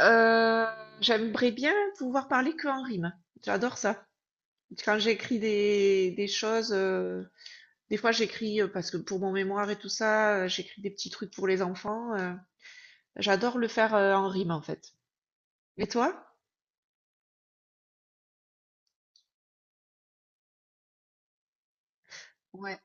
Heu, J'aimerais bien pouvoir parler que en rime. J'adore ça. Quand j'écris des choses, des fois j'écris, parce que pour mon mémoire et tout ça, j'écris des petits trucs pour les enfants, j'adore le faire, en rime, en fait. Et toi? Ouais.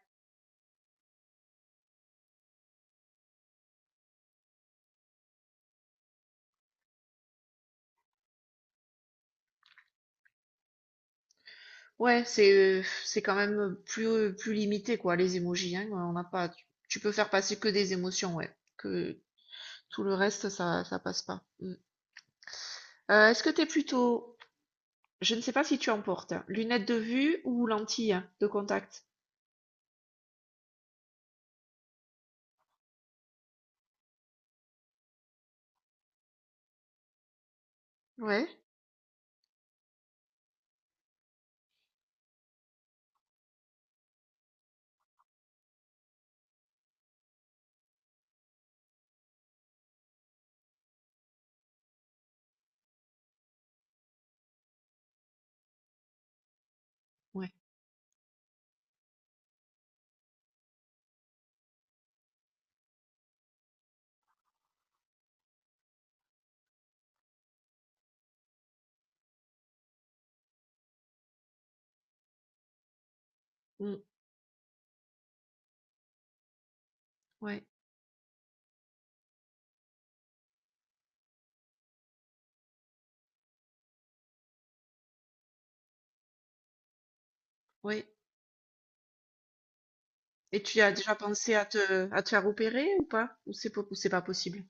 Ouais, c'est quand même, plus, plus limité quoi, les émojis, hein, on n'a pas tu peux faire passer que des émotions, ouais, que tout le reste ça passe pas. Mmh. Est-ce que t'es plutôt Je ne sais pas si tu en portes. Lunettes de vue ou lentilles de contact? Ouais. Ouais. Mm. Ouais. Ouais. Et tu as déjà pensé à te faire opérer ou pas? Ou c'est ou c'est pas possible?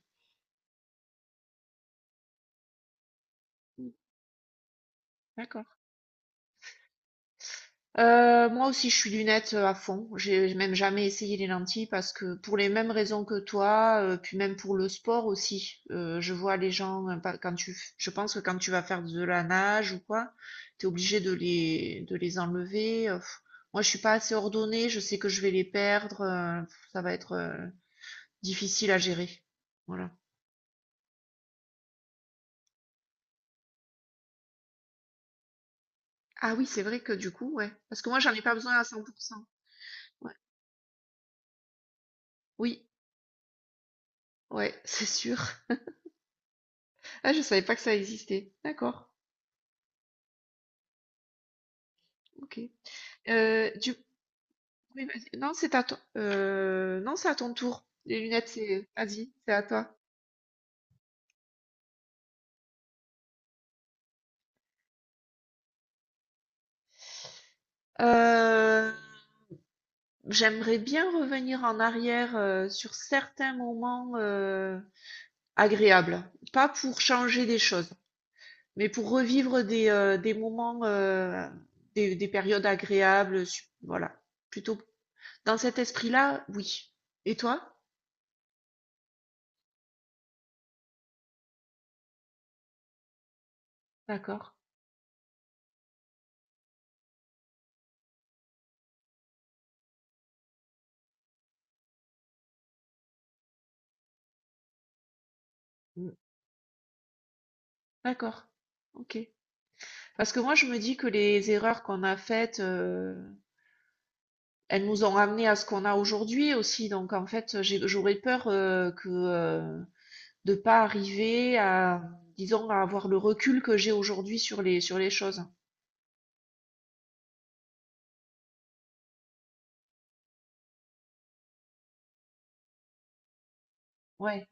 Mm. D'accord. Moi aussi, je suis lunettes à fond. J'ai même jamais essayé les lentilles parce que pour les mêmes raisons que toi, puis même pour le sport aussi. Je vois les gens quand tu, je pense que quand tu vas faire de la nage ou quoi, t'es obligé de les enlever. Pff. Moi, je suis pas assez ordonnée. Je sais que je vais les perdre. Ça va être difficile à gérer. Voilà. Ah oui, c'est vrai que du coup, ouais. Parce que moi, j'en ai pas besoin à 100%. Ouais. Oui, ouais, c'est sûr. Ah, je savais pas que ça existait. D'accord. OK. Du oui, vas-y. Non, c'est à toi. Non, c'est à ton tour. Les lunettes, c'est vas-y, c'est à toi. Heu, j'aimerais bien revenir en arrière, sur certains moments, agréables. Pas pour changer des choses, mais pour revivre des moments, des périodes agréables, su voilà. Plutôt dans cet esprit-là, oui. Et toi? D'accord. Mmh. D'accord. OK. Parce que moi, je me dis que les erreurs qu'on a faites, elles nous ont ramené à ce qu'on a aujourd'hui aussi. Donc, en fait, j'aurais peur que de pas arriver à, disons, à avoir le recul que j'ai aujourd'hui sur les choses. Ouais,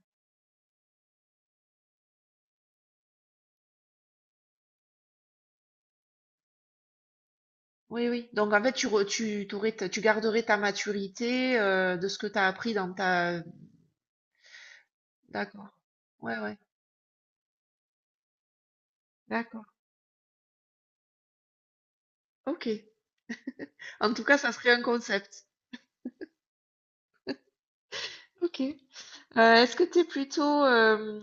oui, oui. Donc, en fait, tu tu garderais ta maturité de ce que tu as appris dans ta. D'accord. Ouais, ouais. D'accord. Ok. En tout cas, ça serait un concept. Ok. Est-ce que tu es plutôt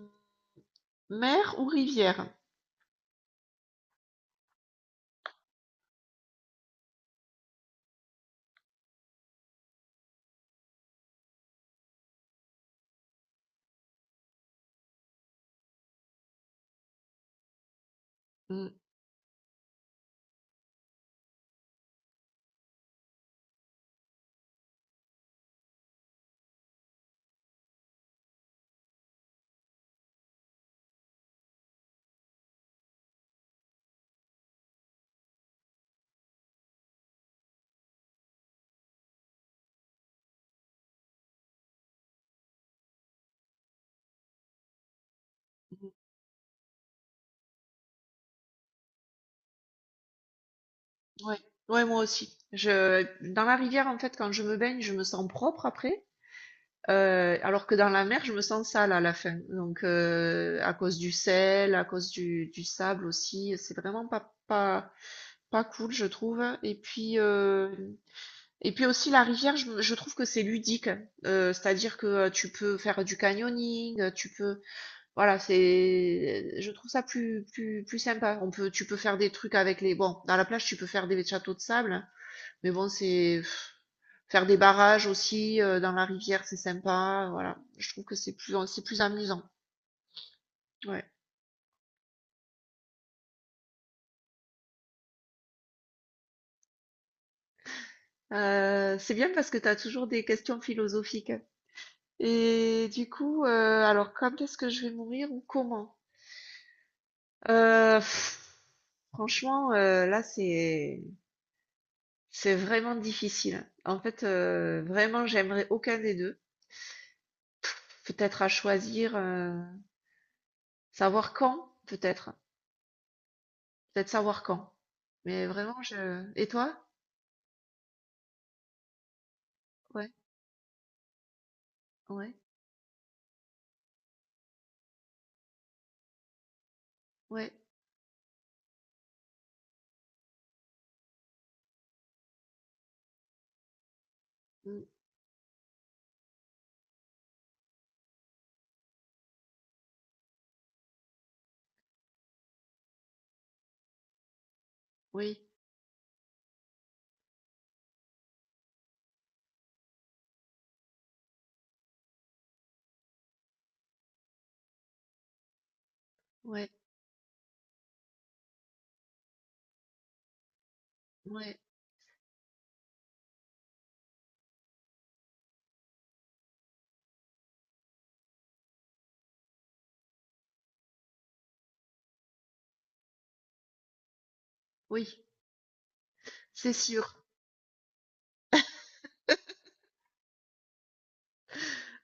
mer ou rivière? Ouais, ouais, moi aussi. Je, dans la rivière, en fait, quand je me baigne, je me sens propre après, alors que dans la mer, je me sens sale à la fin. Donc, à cause du sel, à cause du sable aussi, c'est vraiment pas, pas, pas cool, je trouve. Et puis aussi, la rivière, je trouve que c'est ludique. C'est-à-dire que tu peux faire du canyoning, tu peux, voilà, c'est, je trouve ça plus, plus, plus sympa. On peut, tu peux faire des trucs avec les, bon, dans la plage, tu peux faire des châteaux de sable. Mais bon, c'est faire des barrages aussi dans la rivière, c'est sympa. Voilà, je trouve que c'est plus amusant. Ouais. C'est bien parce que tu as toujours des questions philosophiques. Et du coup, alors quand est-ce que je vais mourir ou comment? Euh, pff, franchement, là c'est vraiment difficile. En fait, vraiment, j'aimerais aucun des deux. Peut-être à choisir, savoir quand, peut-être, peut-être savoir quand. Mais vraiment, je. Et toi? Ouais, ouais, ouais, mm, oui, ouais, ouais, oui, c'est sûr.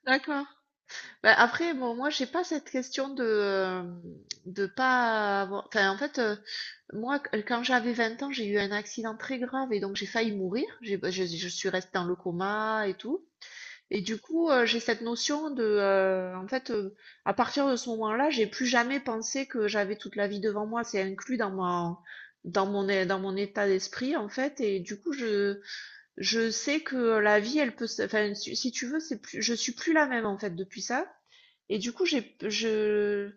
D'accord. Bah, après, bon, moi, j'ai pas cette question de pas avoir. Enfin, en fait, moi, quand j'avais 20 ans, j'ai eu un accident très grave et donc j'ai failli mourir. J'ai, bah, je suis restée dans le coma et tout. Et du coup, j'ai cette notion de, en fait, à partir de ce moment-là, j'ai plus jamais pensé que j'avais toute la vie devant moi. C'est inclus dans ma dans dans mon état d'esprit en fait. Et du coup, je sais que la vie, elle peut, enfin, si si tu veux, c'est plus, je suis plus la même en fait depuis ça. Et du coup, j'ai,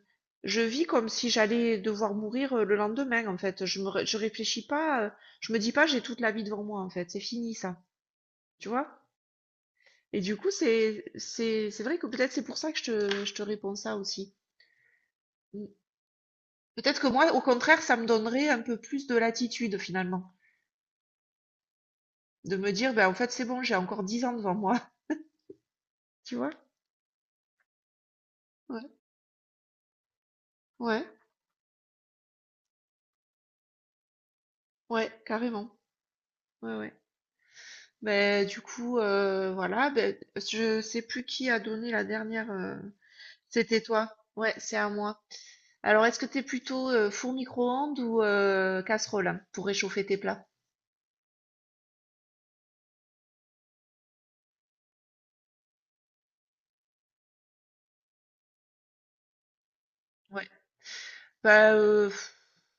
je vis comme si j'allais devoir mourir le lendemain en fait. Je me, je réfléchis pas, je me dis pas, j'ai toute la vie devant moi en fait. C'est fini ça, tu vois? Et du coup, c'est vrai que peut-être c'est pour ça que je te réponds ça aussi. Mm. Peut-être que moi, au contraire, ça me donnerait un peu plus de latitude finalement, de me dire, ben en fait, c'est bon, j'ai encore 10 ans devant moi, tu vois? Ouais, ouais, ouais, carrément. Ouais, ouais. Beh, du coup, voilà, ben, je sais plus qui a donné la dernière, c'était toi? Ouais, c'est à moi. Alors, est-ce que t'es plutôt, four micro-ondes ou casserole hein, pour réchauffer tes plats? Ouais. Bah, heu,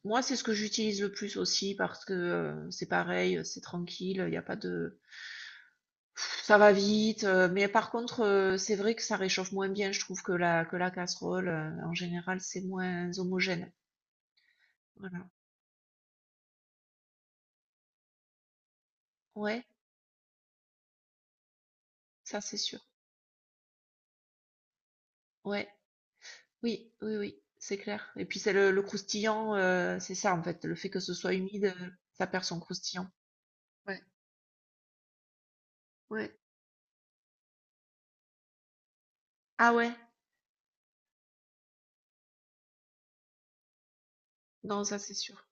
moi, c'est ce que j'utilise le plus aussi parce que, c'est pareil, c'est tranquille, il y a pas de ça va vite, mais par contre, c'est vrai que ça réchauffe moins bien, je trouve, que la casserole, en général, c'est moins homogène. Voilà. Ouais, ça, c'est sûr. Ouais. Oui, oui, oui, c'est clair. Et puis c'est le croustillant, c'est ça en fait, le fait que ce soit humide, ça perd son croustillant. Ouais, ouais. Ah ouais, non, ça c'est sûr.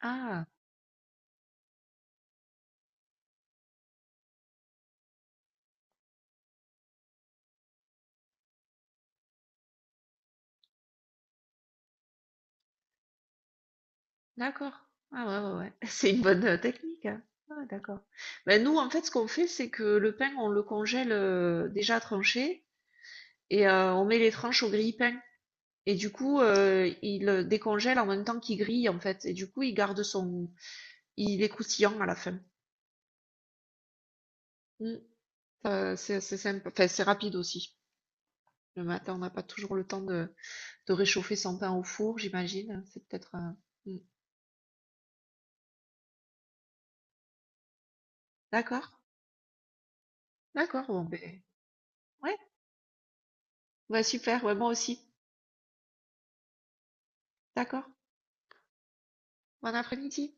Ah, d'accord. Ah ouais, ouais, ouais. C'est une bonne technique, hein. Ah, d'accord. Ben, nous, en fait, ce qu'on fait, c'est que le pain, on le congèle déjà tranché et on met les tranches au grille-pain. Et du coup, il décongèle en même temps qu'il grille, en fait. Et du coup, il garde son... Il est croustillant à la fin. Mm. C'est sympa. Enfin, c'est rapide aussi. Le matin, on n'a pas toujours le temps de réchauffer son pain au four, j'imagine. C'est peut-être un... Mm. D'accord, d'accord, bon ben, ouais, ouais super, ouais, moi aussi. D'accord. Bon après-midi.